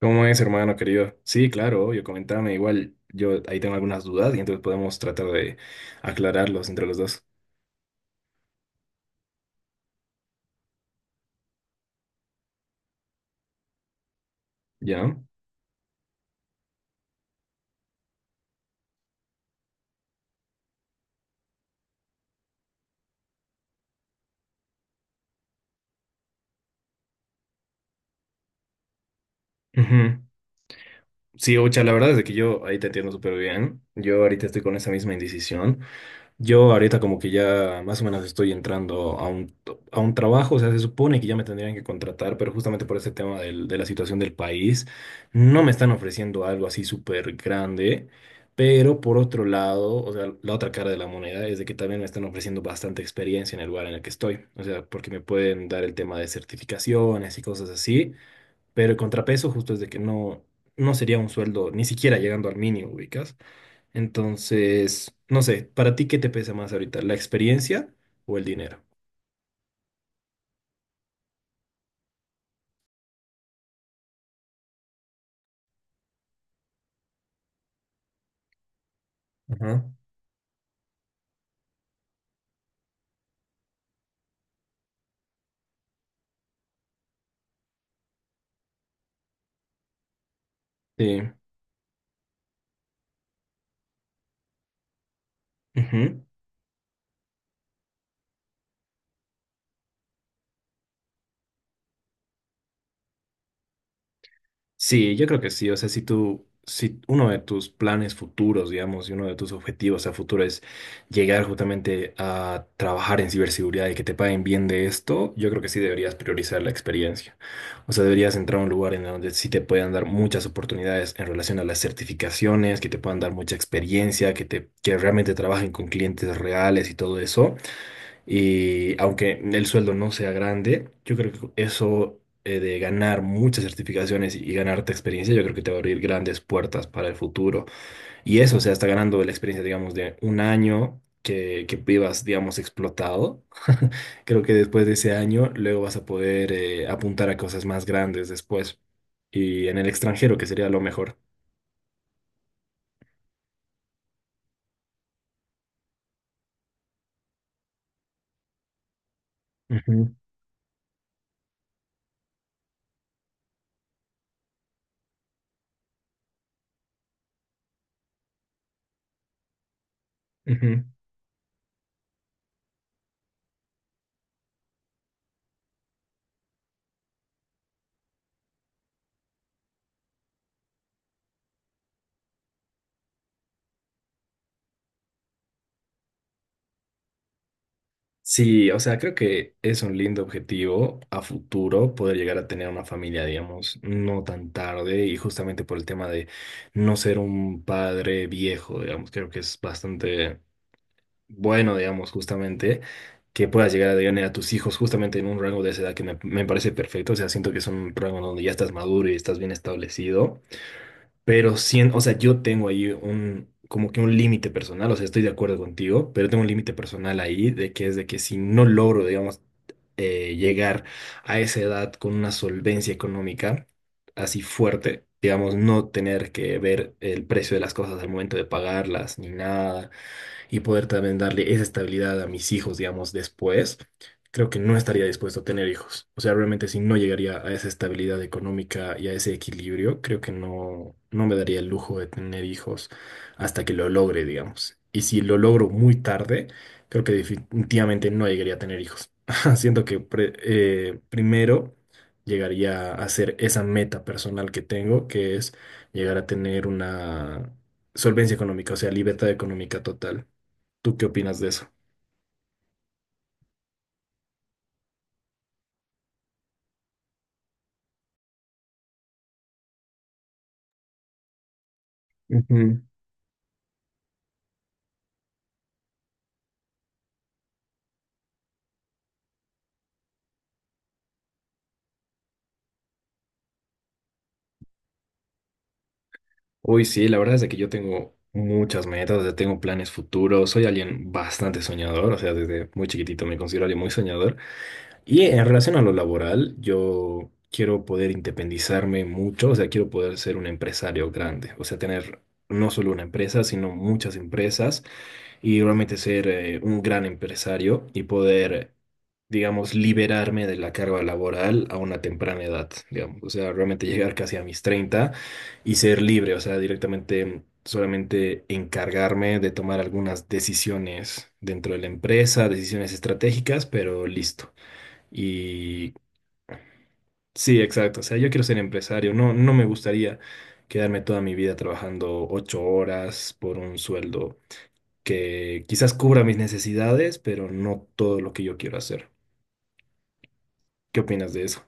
¿Cómo es, hermano querido? Sí, claro, obvio, comentame. Igual yo ahí tengo algunas dudas y entonces podemos tratar de aclararlos entre los dos. ¿Ya? Ujú. Sí, Ocha, la verdad es de que yo ahí te entiendo súper bien. Yo ahorita estoy con esa misma indecisión. Yo ahorita como que ya más o menos estoy entrando a un, a un trabajo, o sea, se supone que ya me tendrían que contratar, pero justamente por ese tema de la situación del país, no me están ofreciendo algo así súper grande, pero por otro lado, o sea, la otra cara de la moneda es de que también me están ofreciendo bastante experiencia en el lugar en el que estoy, o sea, porque me pueden dar el tema de certificaciones y cosas así, pero el contrapeso justo es de que no, no sería un sueldo ni siquiera llegando al mínimo, ubicas. Entonces, no sé, ¿para ti qué te pesa más ahorita? ¿La experiencia o el dinero? Ajá. Sí. Ujú. Sí, yo creo que sí. O sea, si tú, si uno de tus planes futuros, digamos, y uno de tus objetivos a futuro es llegar justamente a trabajar en ciberseguridad y que te paguen bien de esto, yo creo que sí deberías priorizar la experiencia. O sea, deberías entrar a un lugar en donde sí te puedan dar muchas oportunidades en relación a las certificaciones, que te puedan dar mucha experiencia, que realmente trabajen con clientes reales y todo eso. Y aunque el sueldo no sea grande, yo creo que eso de ganar muchas certificaciones y ganarte experiencia, yo creo que te va a abrir grandes puertas para el futuro. Y eso, o sea, está ganando la experiencia, digamos, de un año que vivas, digamos, explotado. Creo que después de ese año, luego vas a poder apuntar a cosas más grandes después. Y en el extranjero, que sería lo mejor. Ujú, ujú. Sí, o sea, creo que es un lindo objetivo a futuro poder llegar a tener una familia, digamos, no tan tarde y justamente por el tema de no ser un padre viejo, digamos, creo que es bastante bueno, digamos, justamente que puedas llegar a tener a tus hijos justamente en un rango de esa edad que me parece perfecto, o sea, siento que es un rango donde ya estás maduro y estás bien establecido, pero siento, o sea, yo tengo ahí un, como que un límite personal, o sea, estoy de acuerdo contigo, pero tengo un límite personal ahí de que es de que si no logro, digamos, llegar a esa edad con una solvencia económica así fuerte, digamos, no tener que ver el precio de las cosas al momento de pagarlas ni nada y poder también darle esa estabilidad a mis hijos, digamos, después, creo que no estaría dispuesto a tener hijos. O sea, realmente si no llegaría a esa estabilidad económica y a ese equilibrio, creo que no, no me daría el lujo de tener hijos hasta que lo logre, digamos. Y si lo logro muy tarde, creo que definitivamente no llegaría a tener hijos. Siento que primero llegaría a hacer esa meta personal que tengo, que es llegar a tener una solvencia económica, o sea, libertad económica total. ¿Tú qué opinas de eso? Ujú. Uy, sí, la verdad es de que yo tengo muchas metas, o sea, tengo planes futuros, soy alguien bastante soñador, o sea, desde muy chiquitito me considero alguien muy soñador. Y en relación a lo laboral, yo quiero poder independizarme mucho, o sea, quiero poder ser un empresario grande, o sea, tener no solo una empresa, sino muchas empresas y realmente ser un gran empresario y poder, digamos, liberarme de la carga laboral a una temprana edad, digamos, o sea, realmente llegar casi a mis 30 y ser libre, o sea, directamente solamente encargarme de tomar algunas decisiones dentro de la empresa, decisiones estratégicas, pero listo. Y sí, exacto, o sea, yo quiero ser empresario, no, no me gustaría quedarme toda mi vida trabajando 8 horas por un sueldo que quizás cubra mis necesidades, pero no todo lo que yo quiero hacer. ¿Qué opinas de eso?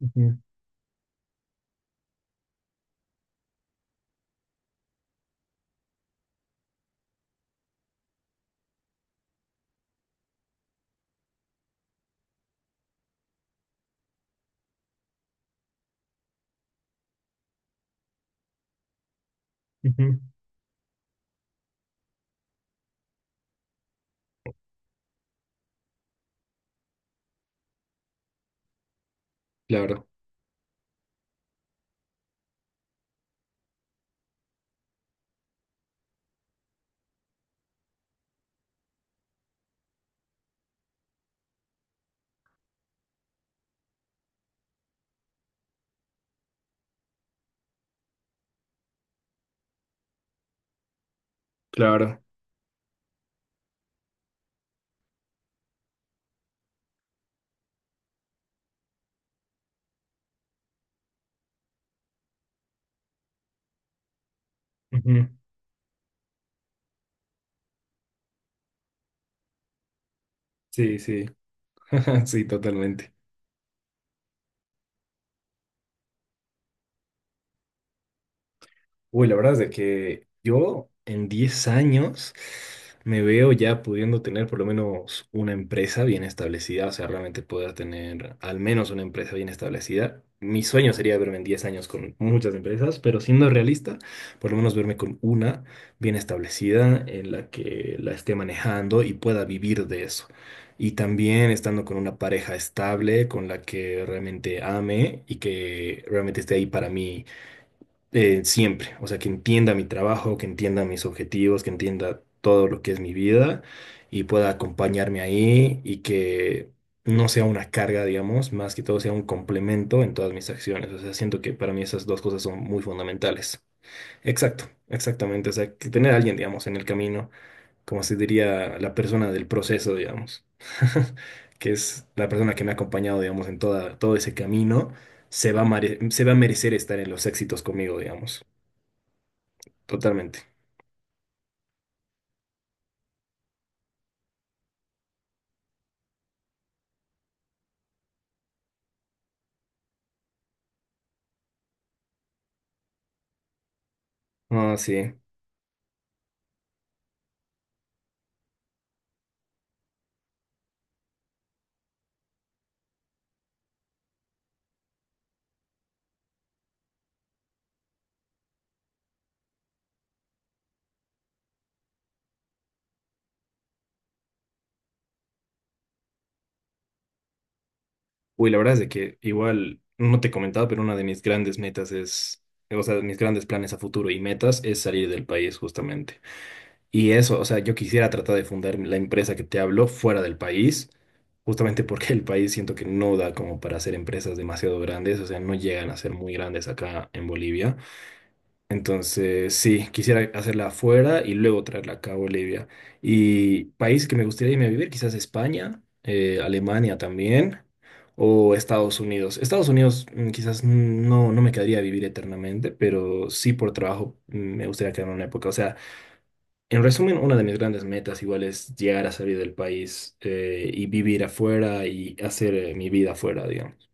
Ujú, ujú. Claro, claro. Ujú. Sí, sí, sí, totalmente. Uy, la verdad es de que yo en 10 años me veo ya pudiendo tener por lo menos una empresa bien establecida, o sea, realmente poder tener al menos una empresa bien establecida. Mi sueño sería verme en 10 años con muchas empresas, pero siendo realista, por lo menos verme con una bien establecida en la que la esté manejando y pueda vivir de eso. Y también estando con una pareja estable, con la que realmente ame y que realmente esté ahí para mí siempre, o sea, que entienda mi trabajo, que entienda mis objetivos, que entienda todo lo que es mi vida y pueda acompañarme ahí y que no sea una carga, digamos, más que todo sea un complemento en todas mis acciones. O sea, siento que para mí esas dos cosas son muy fundamentales. Exacto, exactamente, o sea, que tener a alguien, digamos, en el camino, como se diría, la persona del proceso, digamos, que es la persona que me ha acompañado, digamos, todo ese camino. Se va a merecer estar en los éxitos conmigo, digamos. Totalmente. Ah, sí. Uy, la verdad es de que igual, no te he comentado, pero una de mis grandes metas es, o sea, de mis grandes planes a futuro y metas es salir del país justamente. Y eso, o sea, yo quisiera tratar de fundar la empresa que te hablo fuera del país, justamente porque el país siento que no da como para hacer empresas demasiado grandes, o sea, no llegan a ser muy grandes acá en Bolivia. Entonces, sí, quisiera hacerla afuera y luego traerla acá a Bolivia. Y país que me gustaría irme a vivir, quizás España, Alemania también, o Estados Unidos. Estados Unidos quizás no, no me quedaría a vivir eternamente, pero sí por trabajo me gustaría quedarme una época. O sea, en resumen, una de mis grandes metas igual es llegar a salir del país y vivir afuera y hacer mi vida afuera, digamos.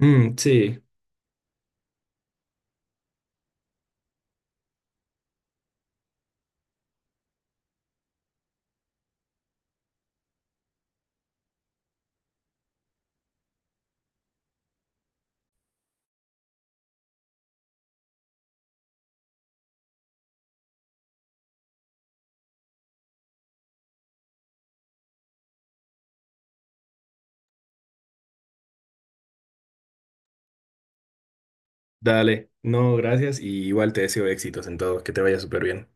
Mm, sí, dale. No, gracias y igual te deseo éxitos en todo, que te vaya súper bien.